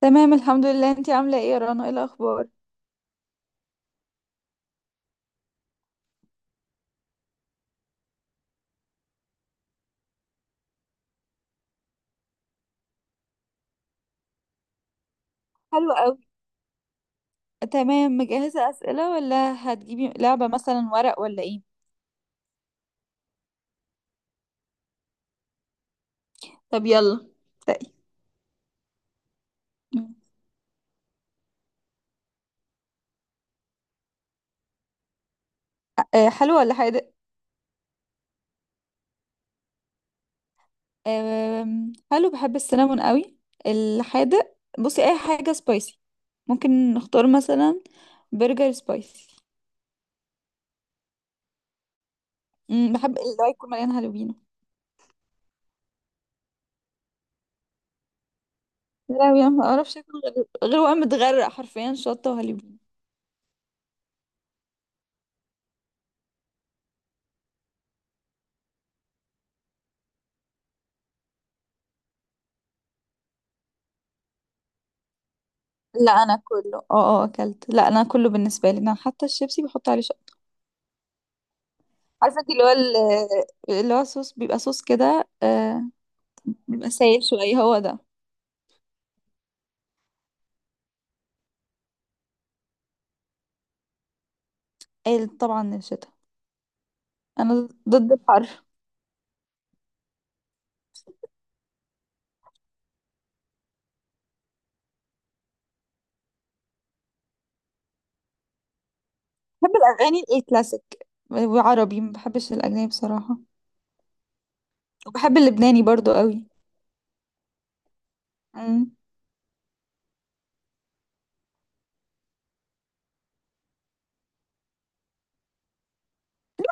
تمام، الحمد لله. انتي عاملة ايه يا رنا؟ ايه الأخبار؟ حلو قوي. تمام، مجهزة أسئلة ولا هتجيبي لعبة مثلا ورق ولا ايه؟ طب يلا. طيب. أه، حلو ولا حادق؟ حلو، بحب السينامون قوي. الحادق بصي، اي حاجة سبايسي. ممكن نختار مثلا برجر سبايسي. بحب اللي هو يكون مليان هالوبينو. لا انا ما اعرفش اكل غير وانا متغرق حرفيا شطة وهالوبينو. لا انا كله اكلت. لا انا كله بالنسبة لي، انا حتى الشيبسي بحط عليه. عارفه انت اللي هو اللي هو صوص، بيبقى صوص كده، بيبقى سايل شويه، هو ده. قال طبعا الشتاء. انا ضد الحر. بحب الاغاني الكلاسيك وعربي، ما بحبش الاجنبي بصراحه. وبحب اللبناني برضو قوي. مم.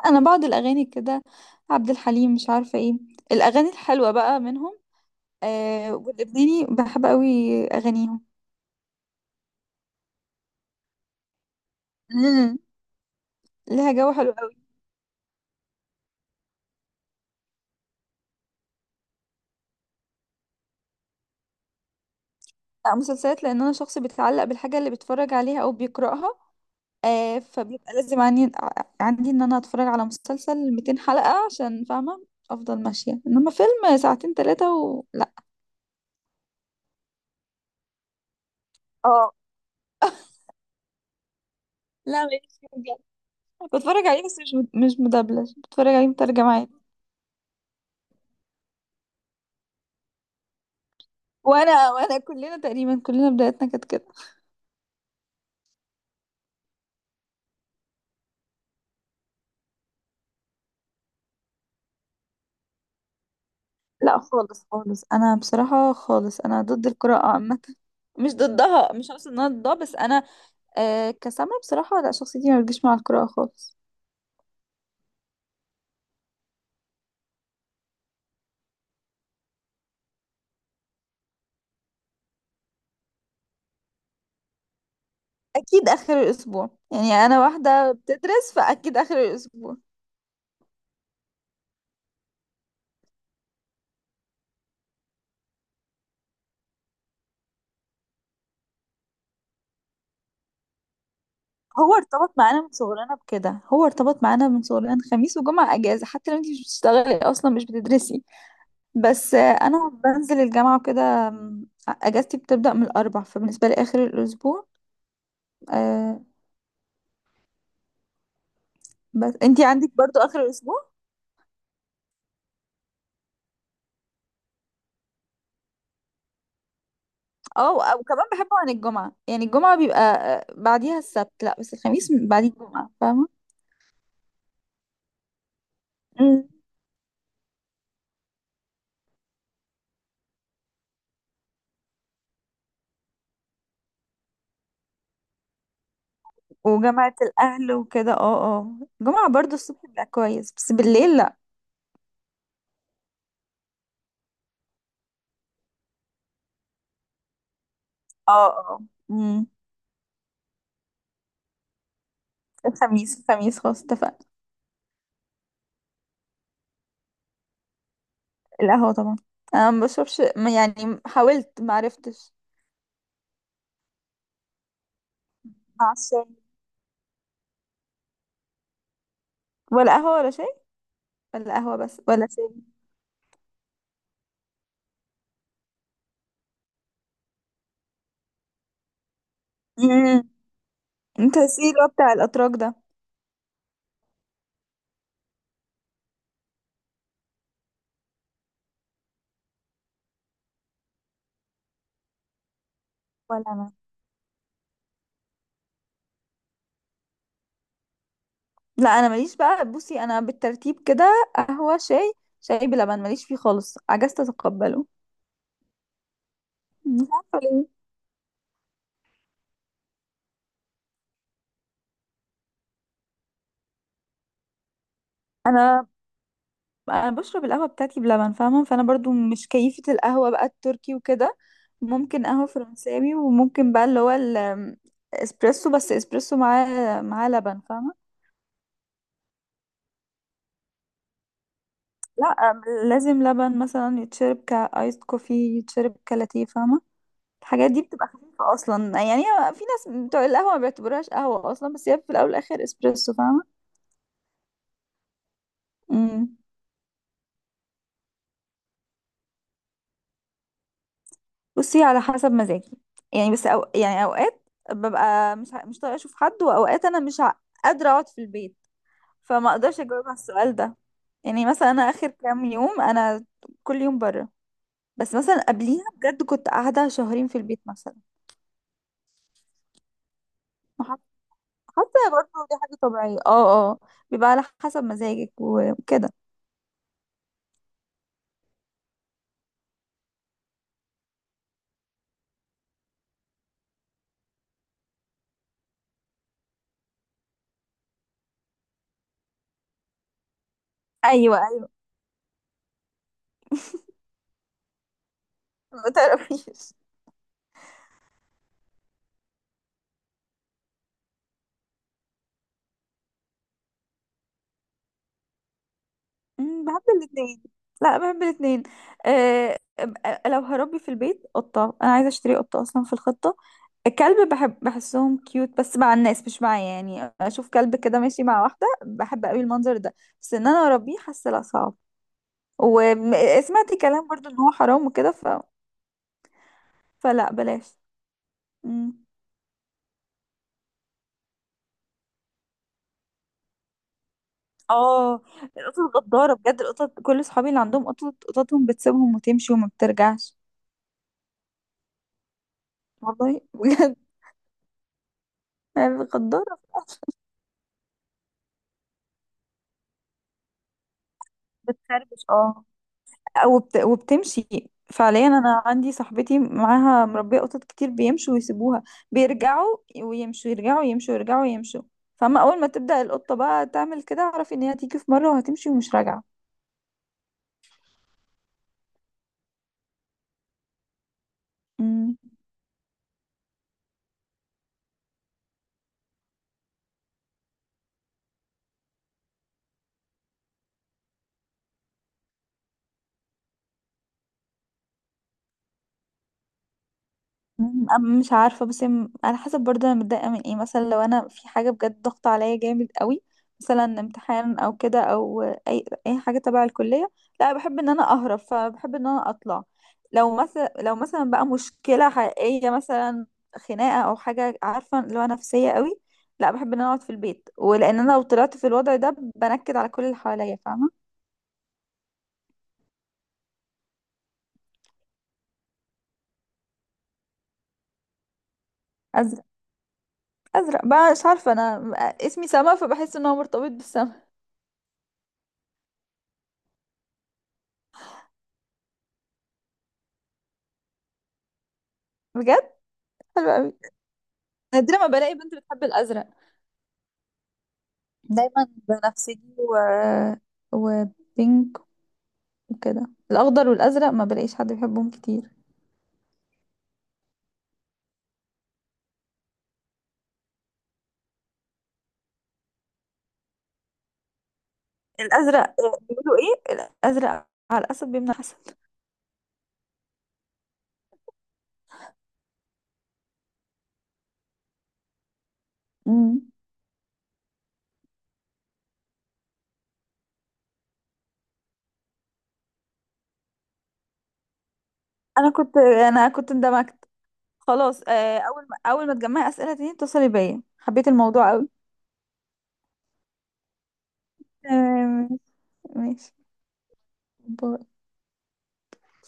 انا بعض الاغاني كده، عبد الحليم، مش عارفه ايه، الاغاني الحلوه بقى منهم. واللبناني بحب قوي اغانيهم. مم. ليها جو حلو قوي. لا مسلسلات، لان انا شخص بيتعلق بالحاجه اللي بيتفرج عليها او بيقراها. فبيبقى لازم عندي ان انا اتفرج على مسلسل 200 حلقة عشان فاهمة. افضل ماشية، انما فيلم ساعتين ثلاثة لا. اه. لا ماليش فيه بجد. بتفرج عليه بس مش مدبلج، بتفرج عليه مترجم عادي. وانا كلنا تقريبا، كلنا بدايتنا كانت كده. لا خالص خالص، انا بصراحة خالص انا ضد القراءة عامة. مش ضدها، مش قصدي ان انا ضدها، بس انا كسامة بصراحة، لا شخصيتي ما بتجيش مع القراءة خالص. اكيد اخر الاسبوع يعني، انا واحده بتدرس فاكيد اخر الاسبوع. هو ارتبط معانا من صغرنا، خميس وجمعه اجازه، حتى لو انت مش بتشتغلي اصلا مش بتدرسي. بس انا بنزل الجامعه وكده، اجازتي بتبدا من الاربع، فبالنسبه لي اخر الاسبوع. آه بس انت عندك برضو اخر الاسبوع. اه، وكمان بحبه عن الجمعه، يعني الجمعه بيبقى بعديها السبت، لا بس الخميس بعديه الجمعه، فاهمه. وجامعة الأهل وكده. اه الجمعة برضو الصبح بيبقى كويس، بس بالليل لأ. اه، اه. امم. الخميس الخميس خلاص، اتفقنا. القهوة طبعا. أنا ما بشربش يعني حاولت ما عرفتش. مع الشاي. ولا قهوة ولا شاي، ولا قهوة بس ولا شاي. امم. انت السي اللي هو بتاع الأتراك ده. ولا أنا. لا، أنا ماليش بقى، بصي أنا بالترتيب كده: قهوة، شاي. شاي بلبن ماليش فيه خالص، عجزت أتقبله. مش عارفة ليه. أنا انا بشرب القهوه بتاعتي بلبن فاهمه، فانا برضو مش كيفه القهوه بقى التركي وكده. ممكن قهوه فرنساوي، وممكن بقى اللي هو الاسبريسو، بس اسبريسو معاه لبن فاهمه. لا، لازم لبن مثلا، يتشرب كايس كوفي، يتشرب كلاتيه فاهمه. الحاجات دي بتبقى خفيفه اصلا، يعني هي في ناس بتوع القهوه ما بيعتبروهاش قهوه اصلا، بس هي في الاول والاخر اسبريسو فاهمه. امم. بصي على حسب مزاجي. يعني بس، أو يعني اوقات ببقى مش طايقه اشوف حد، واوقات انا مش ع- قادره اقعد في البيت. فما اقدرش اجاوب على السؤال ده. يعني مثلا انا اخر كام يوم انا كل يوم بره، بس مثلا قبليها بجد كنت قاعده شهرين في البيت مثلا. وح- حاسه برضه دي حاجه طبيعيه. اه، اه، بيبقى على حسب مزاجك وكده. ايوه، ايوه. ما تعرفيش. بحب الاثنين. لا، بحب الاثنين. أه. لو هربي في البيت قطة، انا عايزه اشتري قطة اصلا في الخطة. الكلب بحب، بحسهم كيوت، بس مع الناس مش معايا، يعني اشوف كلب كده ماشي مع واحدة بحب قوي المنظر ده. بس ان انا اربيه، حاسه لا صعب. وسمعت كلام برضو ان هو حرام وكده فلا بلاش. مم. اه. القطط غدارة بجد، القطط كل صحابي اللي عندهم قطط قططهم بتسيبهم وتمشي وما بترجعش. والله بجد. غدارة. بتخربش، اه. وبتمشي. فعليا انا عندي صاحبتي معاها مربيه قطط كتير، بيمشوا ويسيبوها. بيرجعوا ويمشوا، يرجعوا يمشوا، يرجعوا يمشوا. فاما اول ما تبدا القطه بقى تعمل كده، اعرفي ان هي هتيجي في مره وهتمشي ومش راجعه. مم. مش عارفة بس على حسب برضه أنا متضايقة من ايه. مثلا لو أنا في حاجة بجد ضغط عليا جامد قوي، مثلا امتحان أو كده، أو أي حاجة تبع الكلية، لا بحب إن أنا أهرب، فبحب إن أنا أطلع. لو مثلا بقى مشكلة حقيقية مثلا، خناقة أو حاجة عارفة اللي هو نفسية قوي، لا بحب إن أنا أقعد في البيت، ولأن أنا لو طلعت في الوضع ده بنكد على كل اللي حواليا فاهمة. أزرق. أزرق بقى، مش عارفة أنا، اسمي سما فبحس إن هو مرتبط بالسما. بجد. حلو قوي. نادرا ما بلاقي بنت بتحب الازرق. دايما بنفسجي وبينك وكده، الاخضر والازرق ما بلاقيش حد بيحبهم كتير. الازرق، بيقولوا ايه، الازرق على الاسد بيمنع الحسد. امم. انا كنت اندمجت. خلاص، اول ما تجمعي اسئله تاني اتصلي بيا، حبيت الموضوع قوي. تمام. ماشي ماشي. باي.